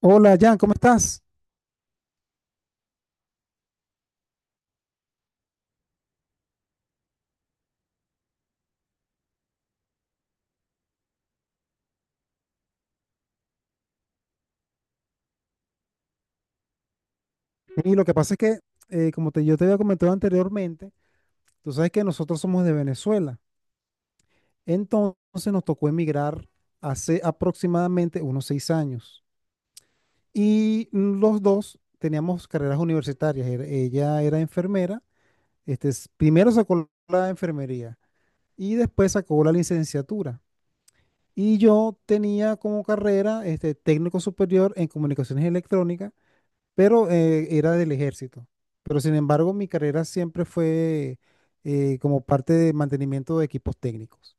Hola, Jan, ¿cómo estás? Y lo que pasa es que, como te, yo te había comentado anteriormente, tú sabes que nosotros somos de Venezuela. Entonces nos tocó emigrar hace aproximadamente unos seis años. Y los dos teníamos carreras universitarias. Ella era enfermera. Primero sacó la enfermería y después sacó la licenciatura. Y yo tenía como carrera técnico superior en comunicaciones electrónicas pero era del ejército. Pero sin embargo, mi carrera siempre fue como parte de mantenimiento de equipos técnicos.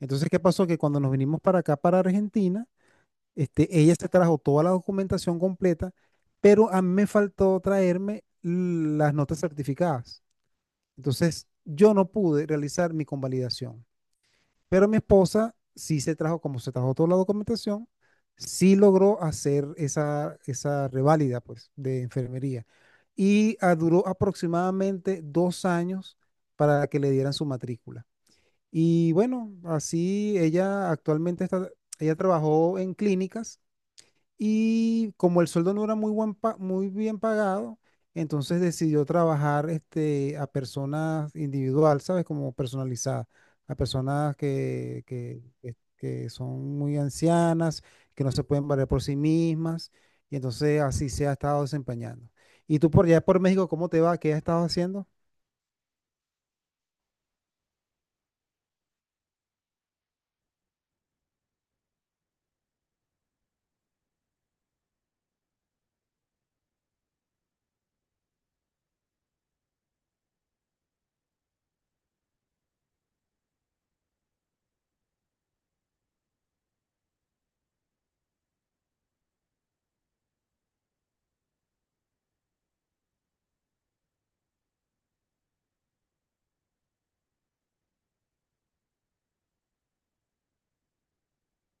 Entonces, ¿qué pasó? Que cuando nos vinimos para acá, para Argentina, ella se trajo toda la documentación completa, pero a mí me faltó traerme las notas certificadas. Entonces, yo no pude realizar mi convalidación. Pero mi esposa sí se trajo, como se trajo toda la documentación, sí logró hacer esa, esa reválida, pues, de enfermería. Y duró aproximadamente dos años para que le dieran su matrícula. Y bueno, así ella actualmente está, ella trabajó en clínicas y como el sueldo no era muy, muy bien pagado, entonces decidió trabajar a personas individual, ¿sabes? Como personalizadas, a personas que son muy ancianas, que no se pueden valer por sí mismas, y entonces así se ha estado desempeñando. ¿Y tú por allá por México, cómo te va? ¿Qué has estado haciendo?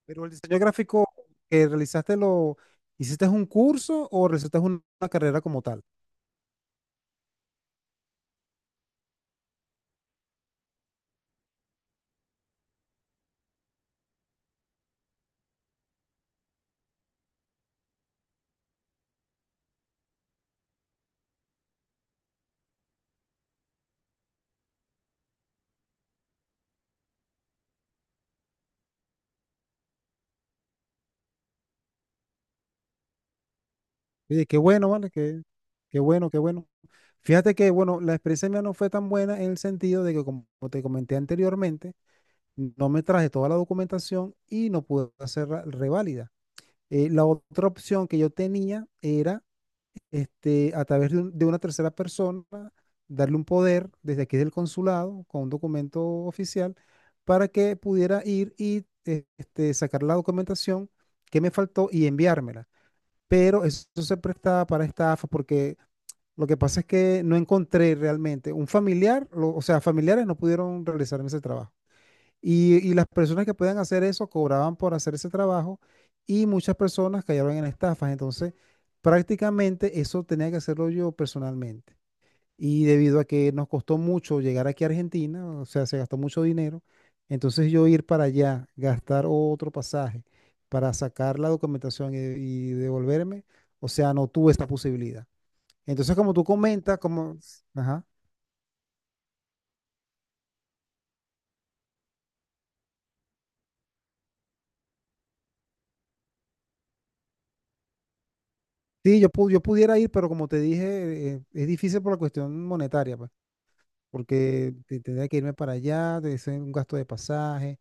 Pero el diseño gráfico que realizaste lo, ¿hiciste un curso o realizaste una carrera como tal? Oye, qué bueno, ¿vale? Qué, qué bueno, qué bueno. Fíjate que, bueno, la experiencia mía no fue tan buena en el sentido de que, como te comenté anteriormente, no me traje toda la documentación y no pude hacer la reválida. La otra opción que yo tenía era, a través de, de una tercera persona, darle un poder desde aquí del consulado con un documento oficial para que pudiera ir y sacar la documentación que me faltó y enviármela, pero eso se prestaba para estafa porque lo que pasa es que no encontré realmente un familiar, o sea, familiares no pudieron realizar ese trabajo. Y las personas que podían hacer eso cobraban por hacer ese trabajo y muchas personas cayeron en estafas. Entonces, prácticamente eso tenía que hacerlo yo personalmente. Y debido a que nos costó mucho llegar aquí a Argentina, o sea, se gastó mucho dinero, entonces yo ir para allá, gastar otro pasaje para sacar la documentación y devolverme, o sea, no tuve esta posibilidad. Entonces, como tú comentas, como, ajá, sí, yo, yo pudiera ir, pero como te dije, es difícil por la cuestión monetaria, pues. Porque tendría que irme para allá, de ser un gasto de pasaje,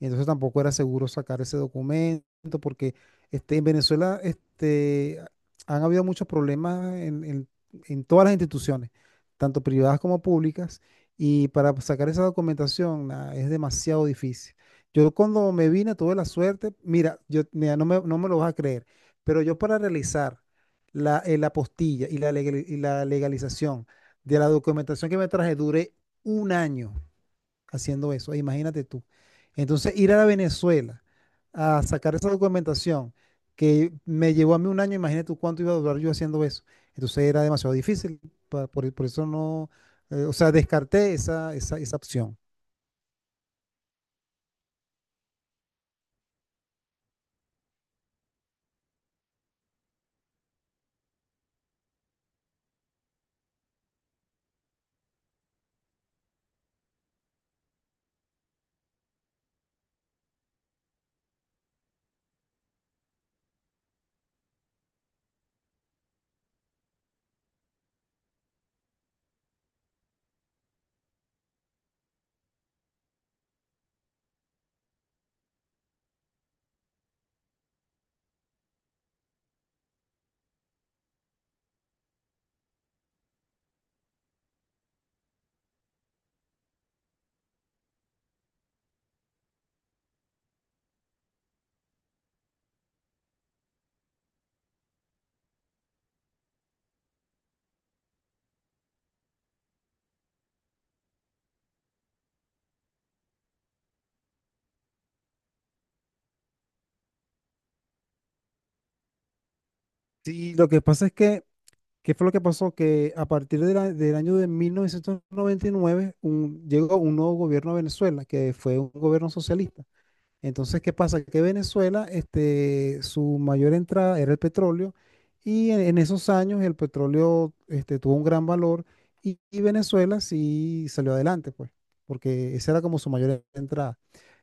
y entonces tampoco era seguro sacar ese documento, porque en Venezuela han habido muchos problemas en todas las instituciones, tanto privadas como públicas, y para sacar esa documentación nah, es demasiado difícil. Yo cuando me vine tuve la suerte, mira, yo, mira, no me lo vas a creer, pero yo para realizar la, la apostilla y y la legalización de la documentación que me traje, duré un año haciendo eso, imagínate tú. Entonces, ir a Venezuela a sacar esa documentación que me llevó a mí un año, imagínate tú cuánto iba a durar yo haciendo eso. Entonces, era demasiado difícil, por eso no, o sea, descarté esa, esa, esa opción. Sí, lo que pasa es que, ¿qué fue lo que pasó? Que a partir de del año de 1999 llegó un nuevo gobierno a Venezuela, que fue un gobierno socialista. Entonces, ¿qué pasa? Que Venezuela, su mayor entrada era el petróleo y en esos años el petróleo, tuvo un gran valor y Venezuela sí salió adelante, pues, porque esa era como su mayor entrada.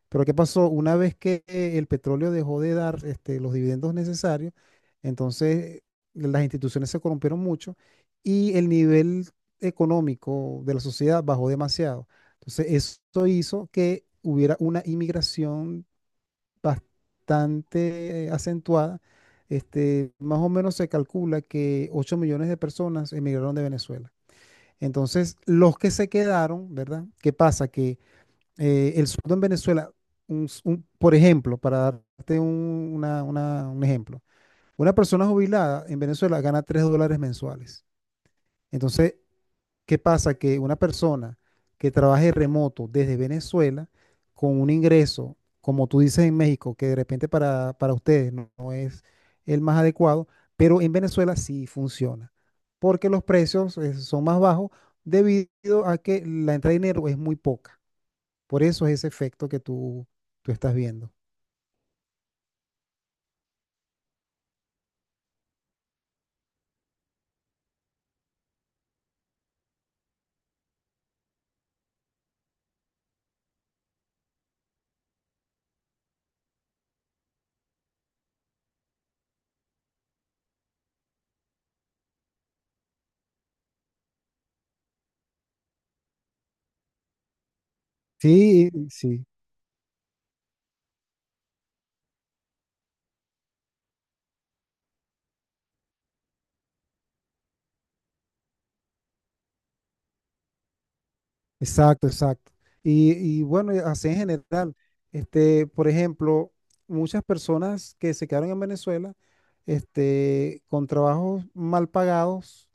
Pero ¿qué pasó? Una vez que el petróleo dejó de dar, este, los dividendos necesarios, entonces las instituciones se corrompieron mucho y el nivel económico de la sociedad bajó demasiado. Entonces, esto hizo que hubiera una inmigración bastante acentuada. Este, más o menos se calcula que 8 millones de personas emigraron de Venezuela. Entonces, los que se quedaron, ¿verdad? ¿Qué pasa? Que el sueldo en Venezuela, por ejemplo, para darte un ejemplo, una persona jubilada en Venezuela gana 3 dólares mensuales. Entonces, ¿qué pasa? Que una persona que trabaje remoto desde Venezuela con un ingreso, como tú dices en México, que de repente para ustedes no, no es el más adecuado, pero en Venezuela sí funciona, porque los precios son más bajos debido a que la entrada de dinero es muy poca. Por eso es ese efecto que tú estás viendo. Sí, sí, exacto, exacto. Y, y bueno, y así en general, por ejemplo, muchas personas que se quedaron en Venezuela, con trabajos mal pagados,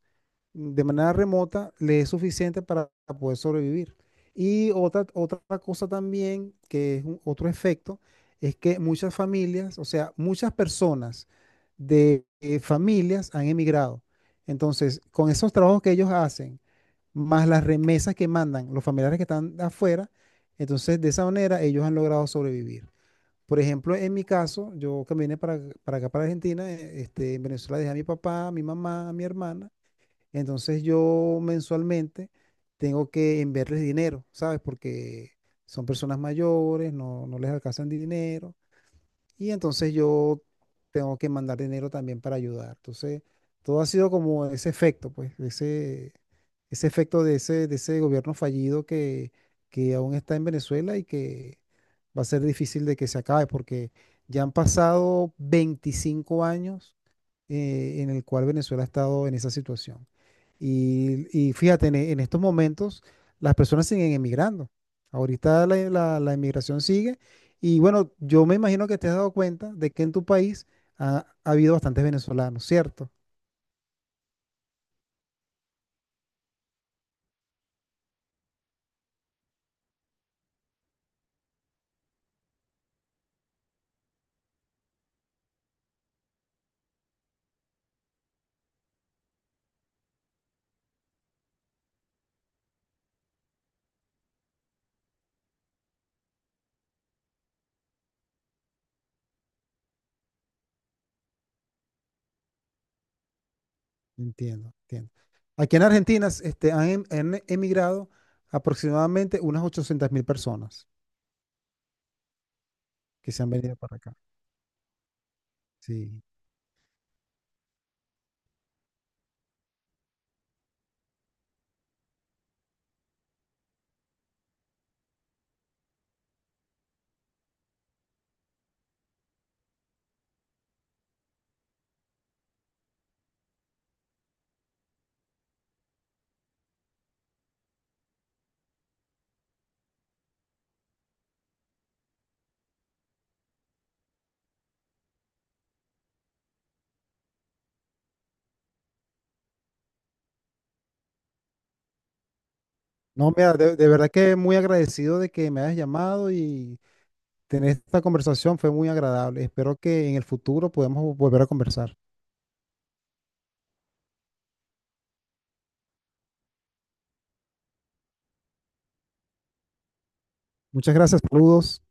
de manera remota le es suficiente para poder sobrevivir. Y otra, otra cosa también, que es otro efecto, es que muchas familias, o sea, muchas personas de familias han emigrado. Entonces, con esos trabajos que ellos hacen, más las remesas que mandan los familiares que están afuera, entonces de esa manera ellos han logrado sobrevivir. Por ejemplo, en mi caso, yo que vine para acá, para Argentina, en Venezuela dejé a mi papá, a mi mamá, a mi hermana. Entonces yo mensualmente tengo que enviarles dinero, ¿sabes? Porque son personas mayores, no, no les alcanzan dinero. Y entonces yo tengo que mandar dinero también para ayudar. Entonces, todo ha sido como ese efecto, pues, ese efecto de ese gobierno fallido que aún está en Venezuela y que va a ser difícil de que se acabe, porque ya han pasado 25 años en el cual Venezuela ha estado en esa situación. Y fíjate, en estos momentos las personas siguen emigrando. Ahorita la emigración sigue. Y bueno, yo me imagino que te has dado cuenta de que en tu país ha, ha habido bastantes venezolanos, ¿cierto? Entiendo, entiendo. Aquí en Argentina han emigrado aproximadamente unas 800 mil personas que se han venido para acá. Sí. No, mira, de verdad que muy agradecido de que me hayas llamado y tener esta conversación fue muy agradable. Espero que en el futuro podamos volver a conversar. Muchas gracias, saludos.